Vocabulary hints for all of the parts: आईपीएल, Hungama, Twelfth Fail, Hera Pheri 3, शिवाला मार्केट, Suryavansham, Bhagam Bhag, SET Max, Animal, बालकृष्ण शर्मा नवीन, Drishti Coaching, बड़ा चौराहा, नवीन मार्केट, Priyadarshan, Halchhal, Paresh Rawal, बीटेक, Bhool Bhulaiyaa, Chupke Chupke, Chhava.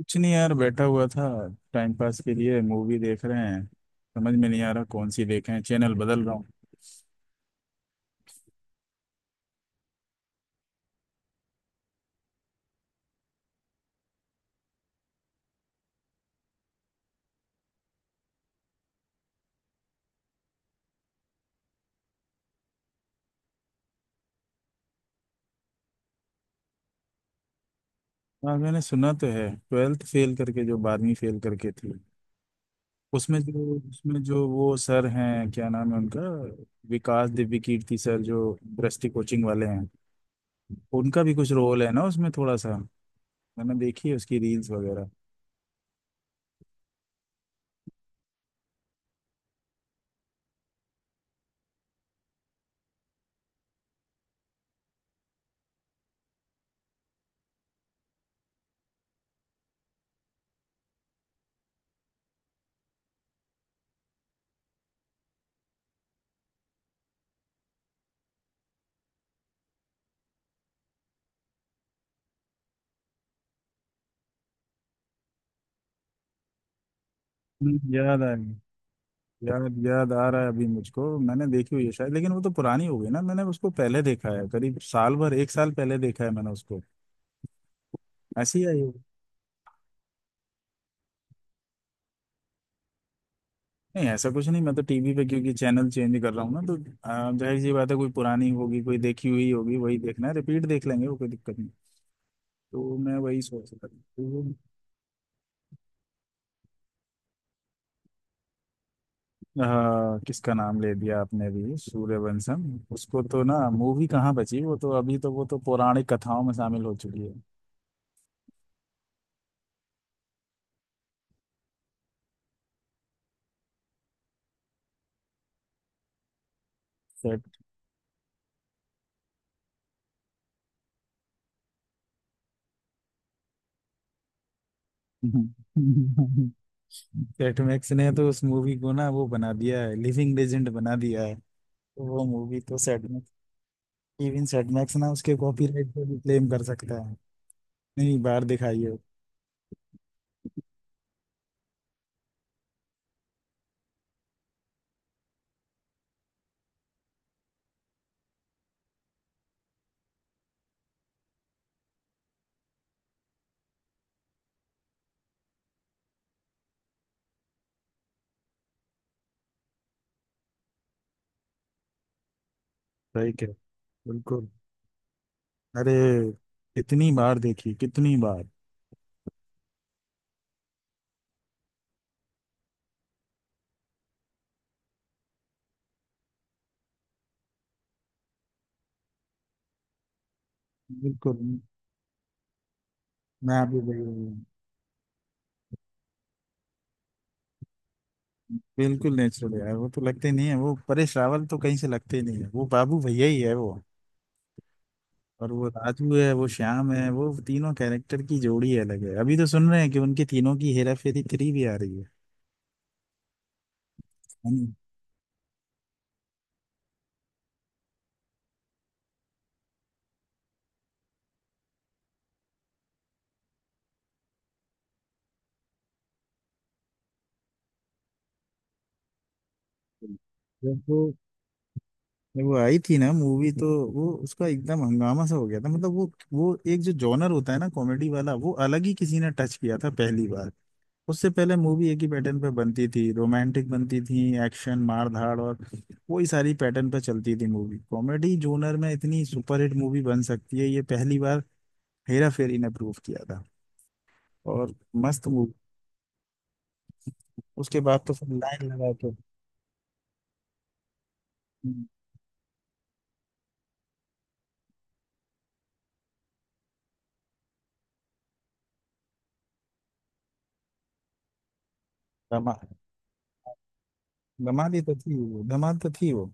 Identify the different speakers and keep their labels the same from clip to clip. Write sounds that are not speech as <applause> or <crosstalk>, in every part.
Speaker 1: कुछ नहीं यार, बैठा हुआ था। टाइम पास के लिए मूवी देख रहे हैं। समझ में नहीं आ रहा कौन सी देखें, चैनल बदल रहा हूँ। हाँ, मैंने सुना तो है, ट्वेल्थ फेल करके, जो 12वीं फेल करके थी। उसमें जो वो सर हैं, क्या नाम है उनका? विकास दिव्य कीर्ति सर, जो दृष्टि कोचिंग वाले हैं, उनका भी कुछ रोल है ना उसमें, थोड़ा सा। मैंने देखी है उसकी रील्स वगैरह। हम्म, याद आ याद आ रहा है अभी मुझको। मैंने देखी हुई है शायद, लेकिन वो तो पुरानी हो गई ना। मैंने उसको पहले देखा है, करीब साल भर, एक साल पहले देखा है मैंने उसको। ऐसी ही आई हो। नहीं, ऐसा कुछ नहीं। मैं तो टीवी पे, क्योंकि चैनल चेंज कर रहा हूँ ना तो जाहिर सी बात है, कोई पुरानी होगी कोई देखी हुई होगी, वही देखना है, रिपीट देख लेंगे वो, कोई दिक्कत नहीं। तो मैं वही सोच रहा था तो। किसका नाम ले दिया आपने भी, सूर्यवंशम! उसको तो ना, मूवी कहाँ बची वो तो, अभी तो वो तो पौराणिक कथाओं में शामिल हो चुकी है। सेट <laughs> सेट मैक्स ने तो उस मूवी को ना, वो बना दिया है, लिविंग लेजेंड बना दिया है। तो वो मूवी तो Set Max even Set Max ना उसके कॉपीराइट को भी क्लेम कर सकता है। नहीं, बार दिखाइए। सही कह बिल्कुल। अरे, कितनी बार देखी, कितनी बार! बिल्कुल, मैं भी वही हूँ। बिल्कुल नेचुरल यार, वो तो लगते नहीं है वो, परेश रावल तो कहीं से लगते नहीं है, वो बाबू भैया ही है वो। और वो राजू है, वो श्याम है, वो तीनों कैरेक्टर की जोड़ी अलग है। अभी तो सुन रहे हैं कि उनके तीनों की हेरा फेरी थ्री भी आ रही है। है नहीं? जब वो जब वो आई थी ना मूवी तो, वो उसका एकदम हंगामा सा हो गया था। मतलब वो एक जो जॉनर होता है ना, कॉमेडी वाला, वो अलग ही किसी ने टच किया था पहली बार। उससे पहले मूवी एक ही पैटर्न पे बनती थी, रोमांटिक बनती थी, एक्शन मार धाड़, और वही सारी पैटर्न पे चलती थी मूवी। कॉमेडी जोनर में इतनी सुपरहिट मूवी बन सकती है, ये पहली बार हेरा फेरी ने प्रूव किया था। और मस्त मूवी। उसके बाद तो फिर लाइन लगा के हम्म, धमा धमाल ही तो थी वो, धमाल तो थी वो।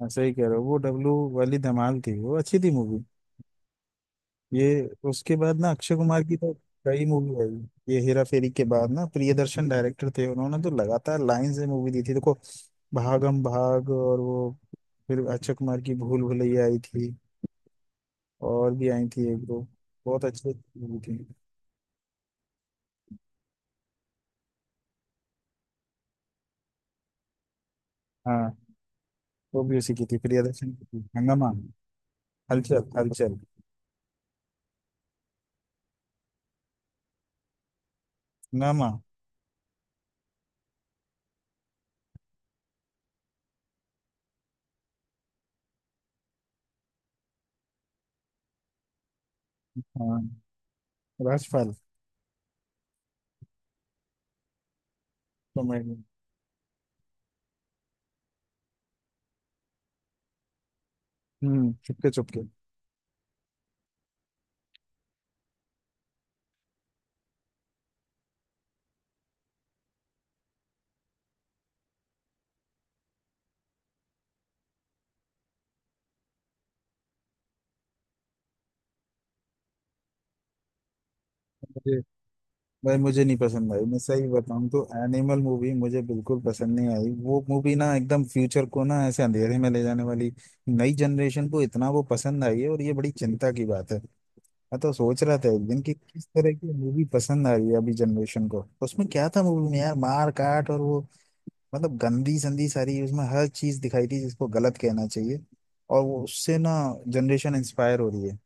Speaker 1: हाँ, सही कह रहे हो, वो डब्लू वाली धमाल थी, वो अच्छी थी मूवी। ये, उसके बाद ना अक्षय कुमार की तो कई मूवी आई ये हेरा फेरी के बाद ना, प्रियदर्शन डायरेक्टर थे, उन्होंने तो लगातार लाइन से मूवी दी थी देखो। भागम भाग, और वो, फिर अक्षय कुमार की भूल भुलैया आई थी। और भी आई थी एक दो, बहुत अच्छी मूवी थी। हाँ, वो भी उसी की थी, प्रियदर्शन की थी, हंगामा। हलचल, हलचल, हंगामा। हाँ, राजपाल, कॉमेडी। हम्म। चुपके चुपके। भाई मुझे नहीं पसंद आई, मैं सही बताऊं तो एनिमल मूवी मुझे बिल्कुल पसंद नहीं आई। वो मूवी ना एकदम फ्यूचर को ना ऐसे अंधेरे में ले जाने वाली। नई जनरेशन को इतना वो पसंद आई है, और ये बड़ी चिंता की बात है। मैं तो सोच रहा था एक दिन कि किस तरह की मूवी पसंद आ रही है अभी जनरेशन को, तो उसमें क्या था मूवी में यार, मार काट और वो, मतलब गंदी संदी सारी, उसमें हर चीज दिखाई थी जिसको गलत कहना चाहिए। और वो उससे ना जनरेशन इंस्पायर हो रही है।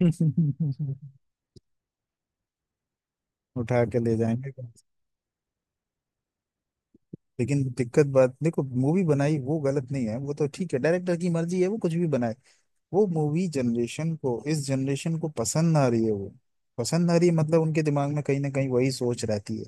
Speaker 1: <laughs> उठा के ले जाएंगे। लेकिन दिक्कत बात देखो, मूवी बनाई वो गलत नहीं है, वो तो ठीक है, डायरेक्टर की मर्जी है वो कुछ भी बनाए। वो मूवी जनरेशन को इस जनरेशन को पसंद ना आ रही है, वो पसंद ना आ रही है, मतलब उनके दिमाग में कहीं ना कहीं वही सोच रहती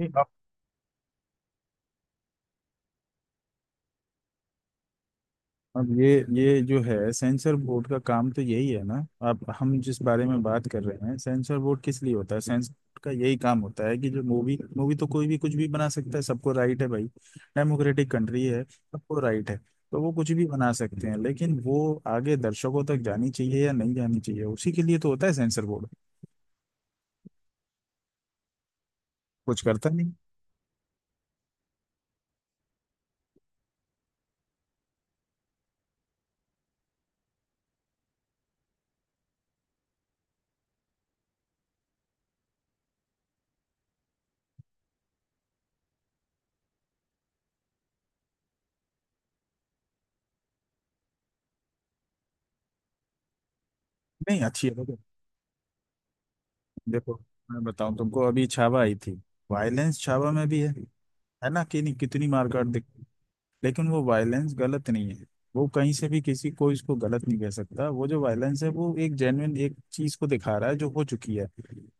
Speaker 1: है। अब ये जो है, सेंसर बोर्ड का काम तो यही है ना। आप हम जिस बारे में बात कर रहे हैं, सेंसर बोर्ड किस लिए होता है? सेंसर बोर्ड का यही काम होता है कि जो मूवी, मूवी तो कोई भी कुछ भी बना सकता है, सबको राइट है भाई। डेमोक्रेटिक कंट्री है, सबको राइट है। तो वो कुछ भी बना सकते हैं, लेकिन वो आगे दर्शकों तक जानी चाहिए या नहीं जानी चाहिए, उसी के लिए तो होता है सेंसर बोर्ड। कुछ करता नहीं। नहीं, अच्छी है, देखो देखो, मैं बताऊं तुमको, अभी छावा आई थी। वायलेंस छावा में भी है ना कि नहीं, कितनी मार काट। लेकिन वो वायलेंस गलत नहीं है, वो कहीं से भी किसी को इसको गलत नहीं कह सकता, वो जो वायलेंस है वो एक जेन्युइन एक चीज को दिखा रहा है जो हो चुकी है,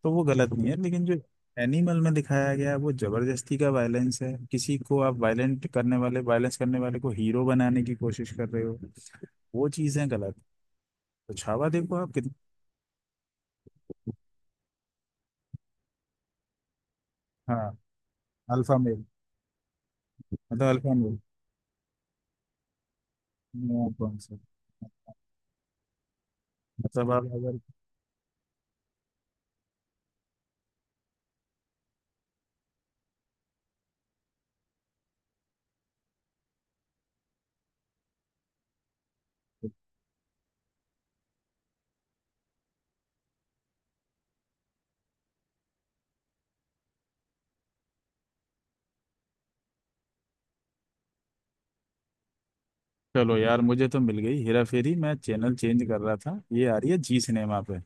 Speaker 1: तो वो गलत नहीं है। लेकिन जो एनिमल में दिखाया गया है वो जबरदस्ती का वायलेंस है, किसी को आप वायलेंट करने वाले वायलेंस करने वाले को हीरो बनाने की कोशिश कर रहे हो, वो चीजें गलत। तो छावा देखो आप कितना। हाँ, अल्फा मेल, मतलब अल्फा मेल। नो, कौन सा, मतलब आप अगर, चलो यार, मुझे तो मिल गई हेरा फेरी। मैं चैनल चेंज कर रहा था, ये आ रही है जी सिनेमा पे।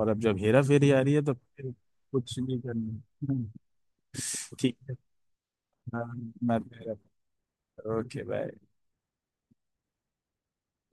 Speaker 1: और अब जब हेरा फेरी आ रही है तो फिर कुछ नहीं करना। हम्म, ठीक है, हाँ, मैं ओके बाय।